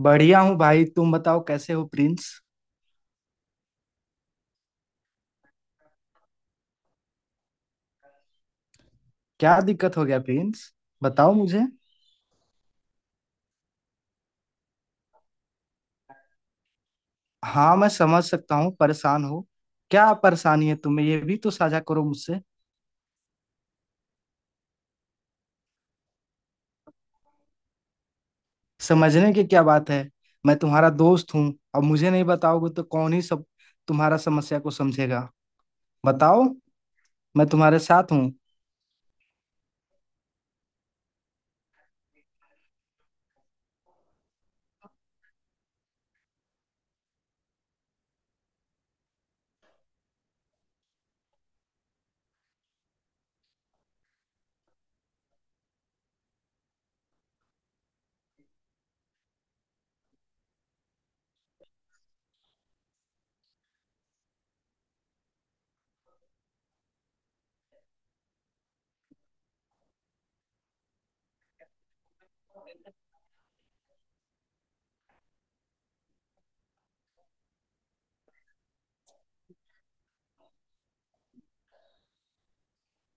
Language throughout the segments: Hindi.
बढ़िया हूँ भाई। तुम बताओ कैसे हो प्रिंस? क्या दिक्कत हो गया प्रिंस? बताओ मुझे। हाँ, मैं समझ सकता हूँ परेशान हो। क्या परेशानी है तुम्हें, ये भी तो साझा करो मुझसे। समझने की क्या बात है। मैं तुम्हारा दोस्त हूँ। अब मुझे नहीं बताओगे तो कौन ही सब तुम्हारा समस्या को समझेगा। बताओ। मैं तुम्हारे साथ हूँ।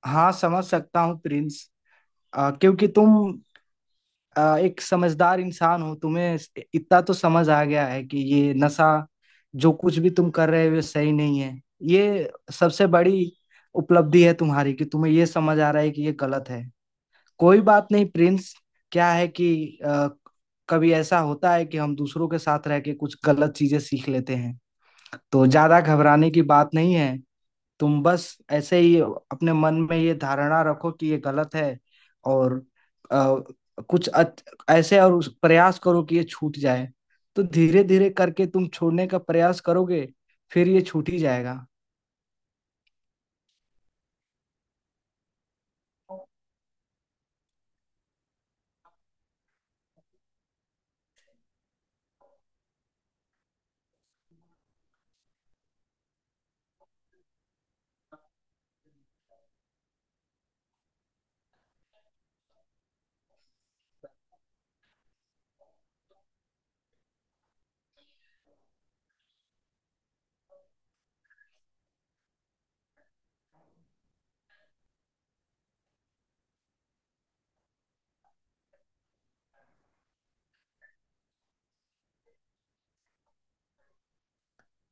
हाँ, समझ सकता हूँ प्रिंस। क्योंकि तुम एक समझदार इंसान हो। तुम्हें इतना तो समझ आ गया है कि ये नशा जो कुछ भी तुम कर रहे हो ये सही नहीं है। ये सबसे बड़ी उपलब्धि है तुम्हारी कि तुम्हें ये समझ आ रहा है कि ये गलत है। कोई बात नहीं प्रिंस। क्या है कि अ, कभी ऐसा होता है कि हम दूसरों के साथ रह के कुछ गलत चीजें सीख लेते हैं। तो ज्यादा घबराने की बात नहीं है। तुम बस ऐसे ही अपने मन में ये धारणा रखो कि ये गलत है। और अ, कुछ अच, ऐसे और उस प्रयास करो कि ये छूट जाए। तो धीरे धीरे करके तुम छोड़ने का प्रयास करोगे, फिर ये छूट ही जाएगा।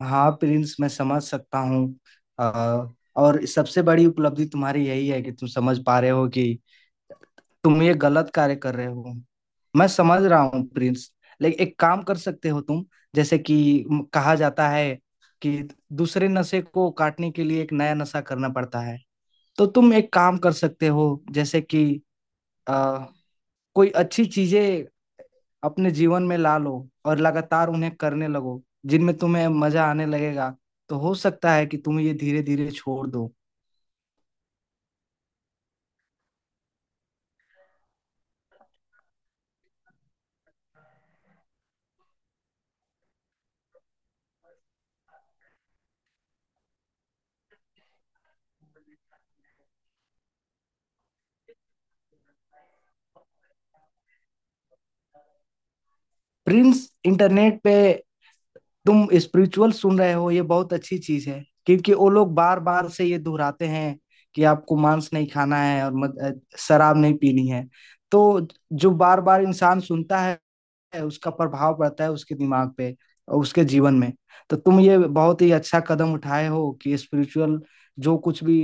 हाँ प्रिंस, मैं समझ सकता हूँ। अ, और सबसे बड़ी उपलब्धि तुम्हारी यही है कि तुम समझ पा रहे हो कि तुम ये गलत कार्य कर रहे हो। मैं समझ रहा हूँ प्रिंस। लेकिन एक काम कर सकते हो तुम। जैसे कि कहा जाता है कि दूसरे नशे को काटने के लिए एक नया नशा करना पड़ता है। तो तुम एक काम कर सकते हो, जैसे कि आ, कोई अच्छी चीजें अपने जीवन में ला लो और लगातार उन्हें करने लगो जिनमें तुम्हें मजा आने लगेगा। तो हो सकता है कि तुम ये धीरे धीरे छोड़ दो। प्रिंस, इंटरनेट पे तुम स्पिरिचुअल सुन रहे हो ये बहुत अच्छी चीज है, क्योंकि वो लोग बार बार से ये दोहराते हैं कि आपको मांस नहीं खाना है और शराब नहीं पीनी है। तो जो बार बार इंसान सुनता है, उसका प्रभाव पड़ता है उसके दिमाग पे और उसके जीवन में। तो तुम ये बहुत ही अच्छा कदम उठाए हो कि स्पिरिचुअल जो कुछ भी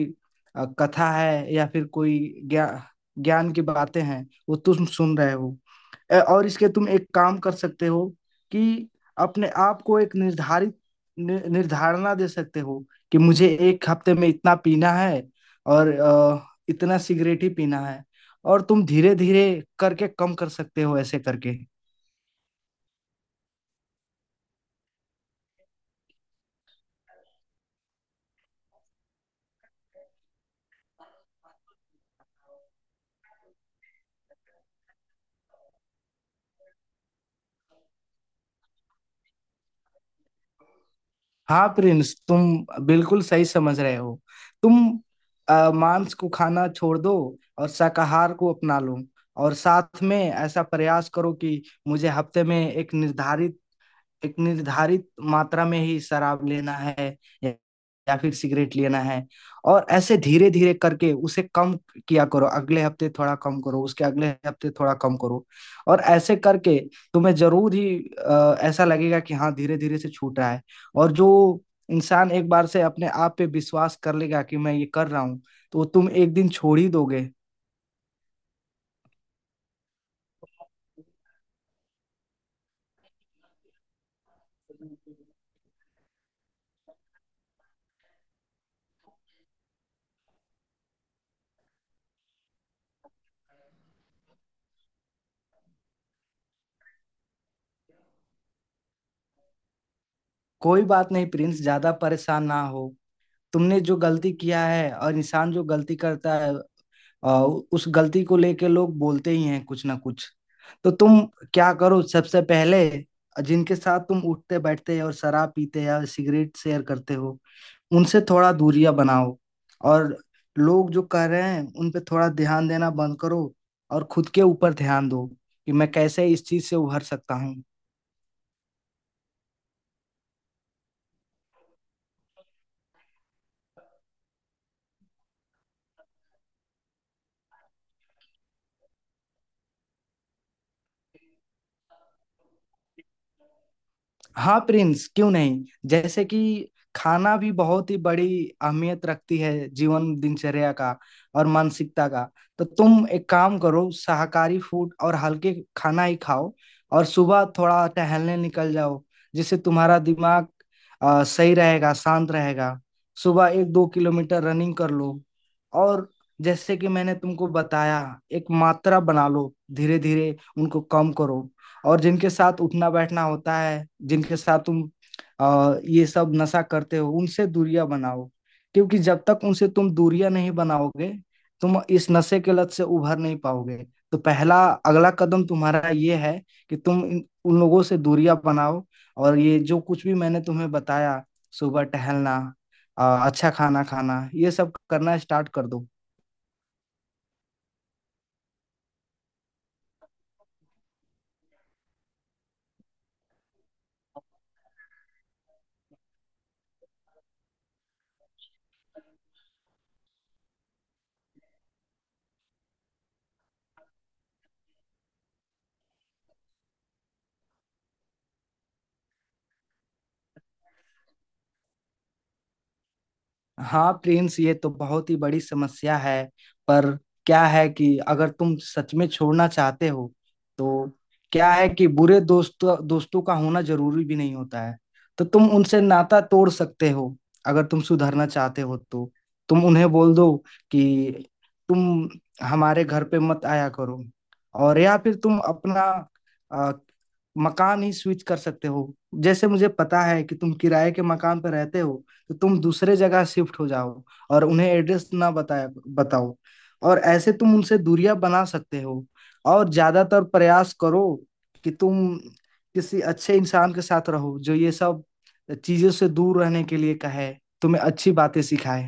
कथा है या फिर कोई ज्ञा ज्ञान की बातें हैं वो तुम सुन रहे हो। और इसके तुम एक काम कर सकते हो कि अपने आप को एक निर्धारणा दे सकते हो कि मुझे एक हफ्ते में इतना पीना है और इतना सिगरेट ही पीना है। और तुम धीरे धीरे करके कम कर सकते हो ऐसे करके। हाँ प्रिंस, तुम बिल्कुल सही समझ रहे हो। तुम मांस को खाना छोड़ दो और शाकाहार को अपना लो। और साथ में ऐसा प्रयास करो कि मुझे हफ्ते में एक निर्धारित मात्रा में ही शराब लेना है या या फिर सिगरेट लेना है। और ऐसे धीरे धीरे करके उसे कम किया करो। अगले हफ्ते थोड़ा कम करो, उसके अगले हफ्ते थोड़ा कम करो। और ऐसे करके तुम्हें जरूर ही ऐसा लगेगा कि हाँ, धीरे धीरे से छूट रहा है। और जो इंसान एक बार से अपने आप पे विश्वास कर लेगा कि मैं ये कर रहा हूँ, तो तुम एक दिन छोड़ ही दोगे। कोई बात नहीं प्रिंस, ज्यादा परेशान ना हो। तुमने जो गलती किया है और इंसान जो गलती करता है, उस गलती को लेके लोग बोलते ही हैं कुछ ना कुछ। तो तुम क्या करो सबसे पहले, जिनके साथ तुम उठते बैठते और शराब पीते या सिगरेट शेयर करते हो उनसे थोड़ा दूरियां बनाओ। और लोग जो कर रहे हैं उन पे थोड़ा ध्यान देना बंद करो और खुद के ऊपर ध्यान दो कि मैं कैसे इस चीज से उभर सकता हूँ। हाँ प्रिंस, क्यों नहीं। जैसे कि खाना भी बहुत ही बड़ी अहमियत रखती है जीवन दिनचर्या का और मानसिकता का। तो तुम एक काम करो, शाकाहारी फूड और हल्के खाना ही खाओ। और सुबह थोड़ा टहलने निकल जाओ जिससे तुम्हारा दिमाग सही रहेगा, शांत रहेगा। सुबह एक दो किलोमीटर रनिंग कर लो। और जैसे कि मैंने तुमको बताया, एक मात्रा बना लो, धीरे धीरे उनको कम करो। और जिनके साथ उठना बैठना होता है, जिनके साथ तुम ये सब नशा करते हो उनसे दूरियां बनाओ। क्योंकि जब तक उनसे तुम दूरियां नहीं बनाओगे, तुम इस नशे के लत से उभर नहीं पाओगे। तो पहला अगला कदम तुम्हारा ये है कि तुम उन लोगों से दूरियां बनाओ। और ये जो कुछ भी मैंने तुम्हें बताया, सुबह टहलना, अच्छा खाना खाना, ये सब करना स्टार्ट कर दो। हाँ प्रिंस, ये तो बहुत ही बड़ी समस्या है। पर क्या है कि अगर तुम सच में छोड़ना चाहते हो तो क्या है कि बुरे दोस्त दोस्तों का होना जरूरी भी नहीं होता है। तो तुम उनसे नाता तोड़ सकते हो अगर तुम सुधरना चाहते हो तो। तुम उन्हें बोल दो कि तुम हमारे घर पे मत आया करो। और या फिर तुम अपना अ, मकान ही स्विच कर सकते हो। जैसे मुझे पता है कि तुम किराए के मकान पर रहते हो, तो तुम दूसरे जगह शिफ्ट हो जाओ और उन्हें एड्रेस ना बताए बताओ। और ऐसे तुम उनसे दूरियां बना सकते हो। और ज्यादातर प्रयास करो कि तुम किसी अच्छे इंसान के साथ रहो जो ये सब चीजों से दूर रहने के लिए कहे, तुम्हें अच्छी बातें सिखाए।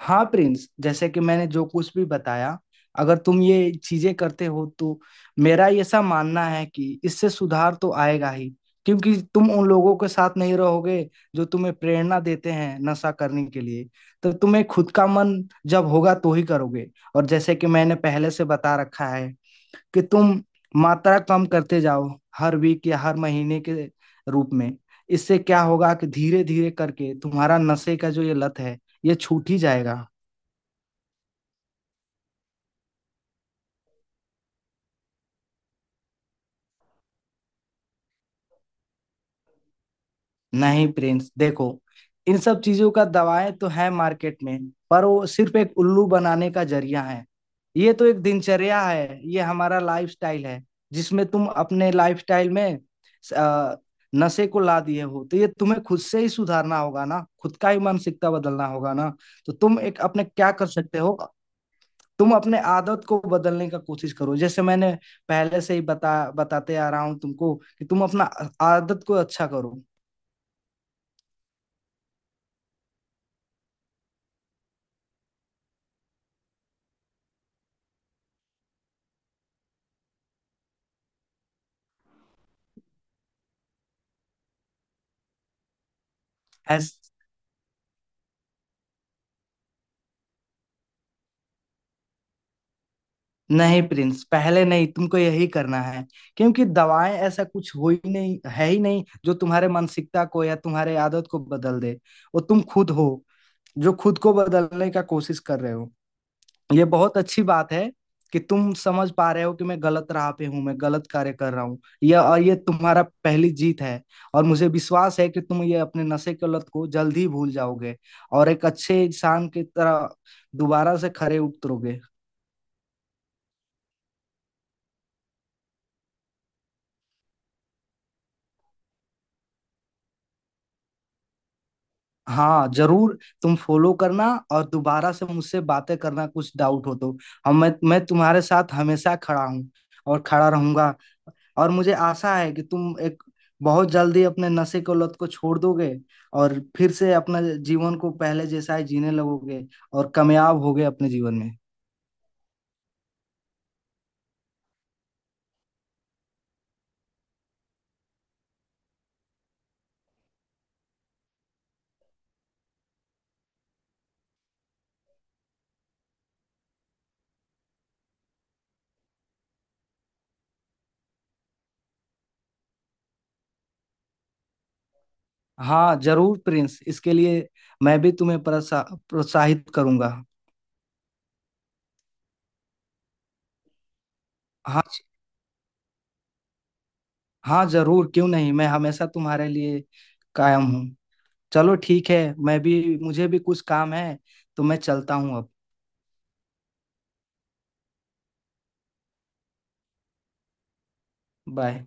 हाँ प्रिंस, जैसे कि मैंने जो कुछ भी बताया, अगर तुम ये चीजें करते हो तो मेरा ऐसा मानना है कि इससे सुधार तो आएगा ही, क्योंकि तुम उन लोगों के साथ नहीं रहोगे जो तुम्हें प्रेरणा देते हैं नशा करने के लिए। तो तुम्हें खुद का मन जब होगा तो ही करोगे। और जैसे कि मैंने पहले से बता रखा है कि तुम मात्रा कम करते जाओ हर वीक या हर महीने के रूप में। इससे क्या होगा कि धीरे धीरे करके तुम्हारा नशे का जो ये लत है ये छूट ही जाएगा। नहीं प्रिंस, देखो, इन सब चीजों का दवाएं तो है मार्केट में, पर वो सिर्फ एक उल्लू बनाने का जरिया है। ये तो एक दिनचर्या है, ये हमारा लाइफस्टाइल है जिसमें तुम अपने लाइफस्टाइल में अ, नशे को ला दिए हो। तो ये तुम्हें खुद से ही सुधारना होगा ना, खुद का ही मानसिकता बदलना होगा ना। तो तुम एक अपने क्या कर सकते हो, तुम अपने आदत को बदलने का कोशिश करो। जैसे मैंने पहले से ही बताते आ रहा हूँ तुमको कि तुम अपना आदत को अच्छा करो। ऐस- नहीं प्रिंस, पहले नहीं, तुमको यही करना है। क्योंकि दवाएं ऐसा कुछ हो ही नहीं है ही नहीं जो तुम्हारे मानसिकता को या तुम्हारे आदत को बदल दे। वो तुम खुद हो जो खुद को बदलने का कोशिश कर रहे हो। ये बहुत अच्छी बात है कि तुम समझ पा रहे हो कि मैं गलत राह पे हूँ, मैं गलत कार्य कर रहा हूँ। यह और ये तुम्हारा पहली जीत है। और मुझे विश्वास है कि तुम ये अपने नशे की लत को जल्द ही भूल जाओगे और एक अच्छे इंसान की तरह दोबारा से खरे उतरोगे। हाँ जरूर, तुम फॉलो करना और दोबारा से मुझसे बातें करना कुछ डाउट हो तो। हम मैं तुम्हारे साथ हमेशा खड़ा हूँ और खड़ा रहूंगा। और मुझे आशा है कि तुम एक बहुत जल्दी अपने नशे को लत को छोड़ दोगे और फिर से अपना जीवन को पहले जैसा ही जीने लगोगे और कामयाब होगे अपने जीवन में। हाँ जरूर प्रिंस, इसके लिए मैं भी तुम्हें प्रोत्साहित करूंगा। हाँ। हाँ जरूर, क्यों नहीं, मैं हमेशा तुम्हारे लिए कायम हूँ। चलो ठीक है, मैं भी मुझे भी कुछ काम है, तो मैं चलता हूँ अब। बाय।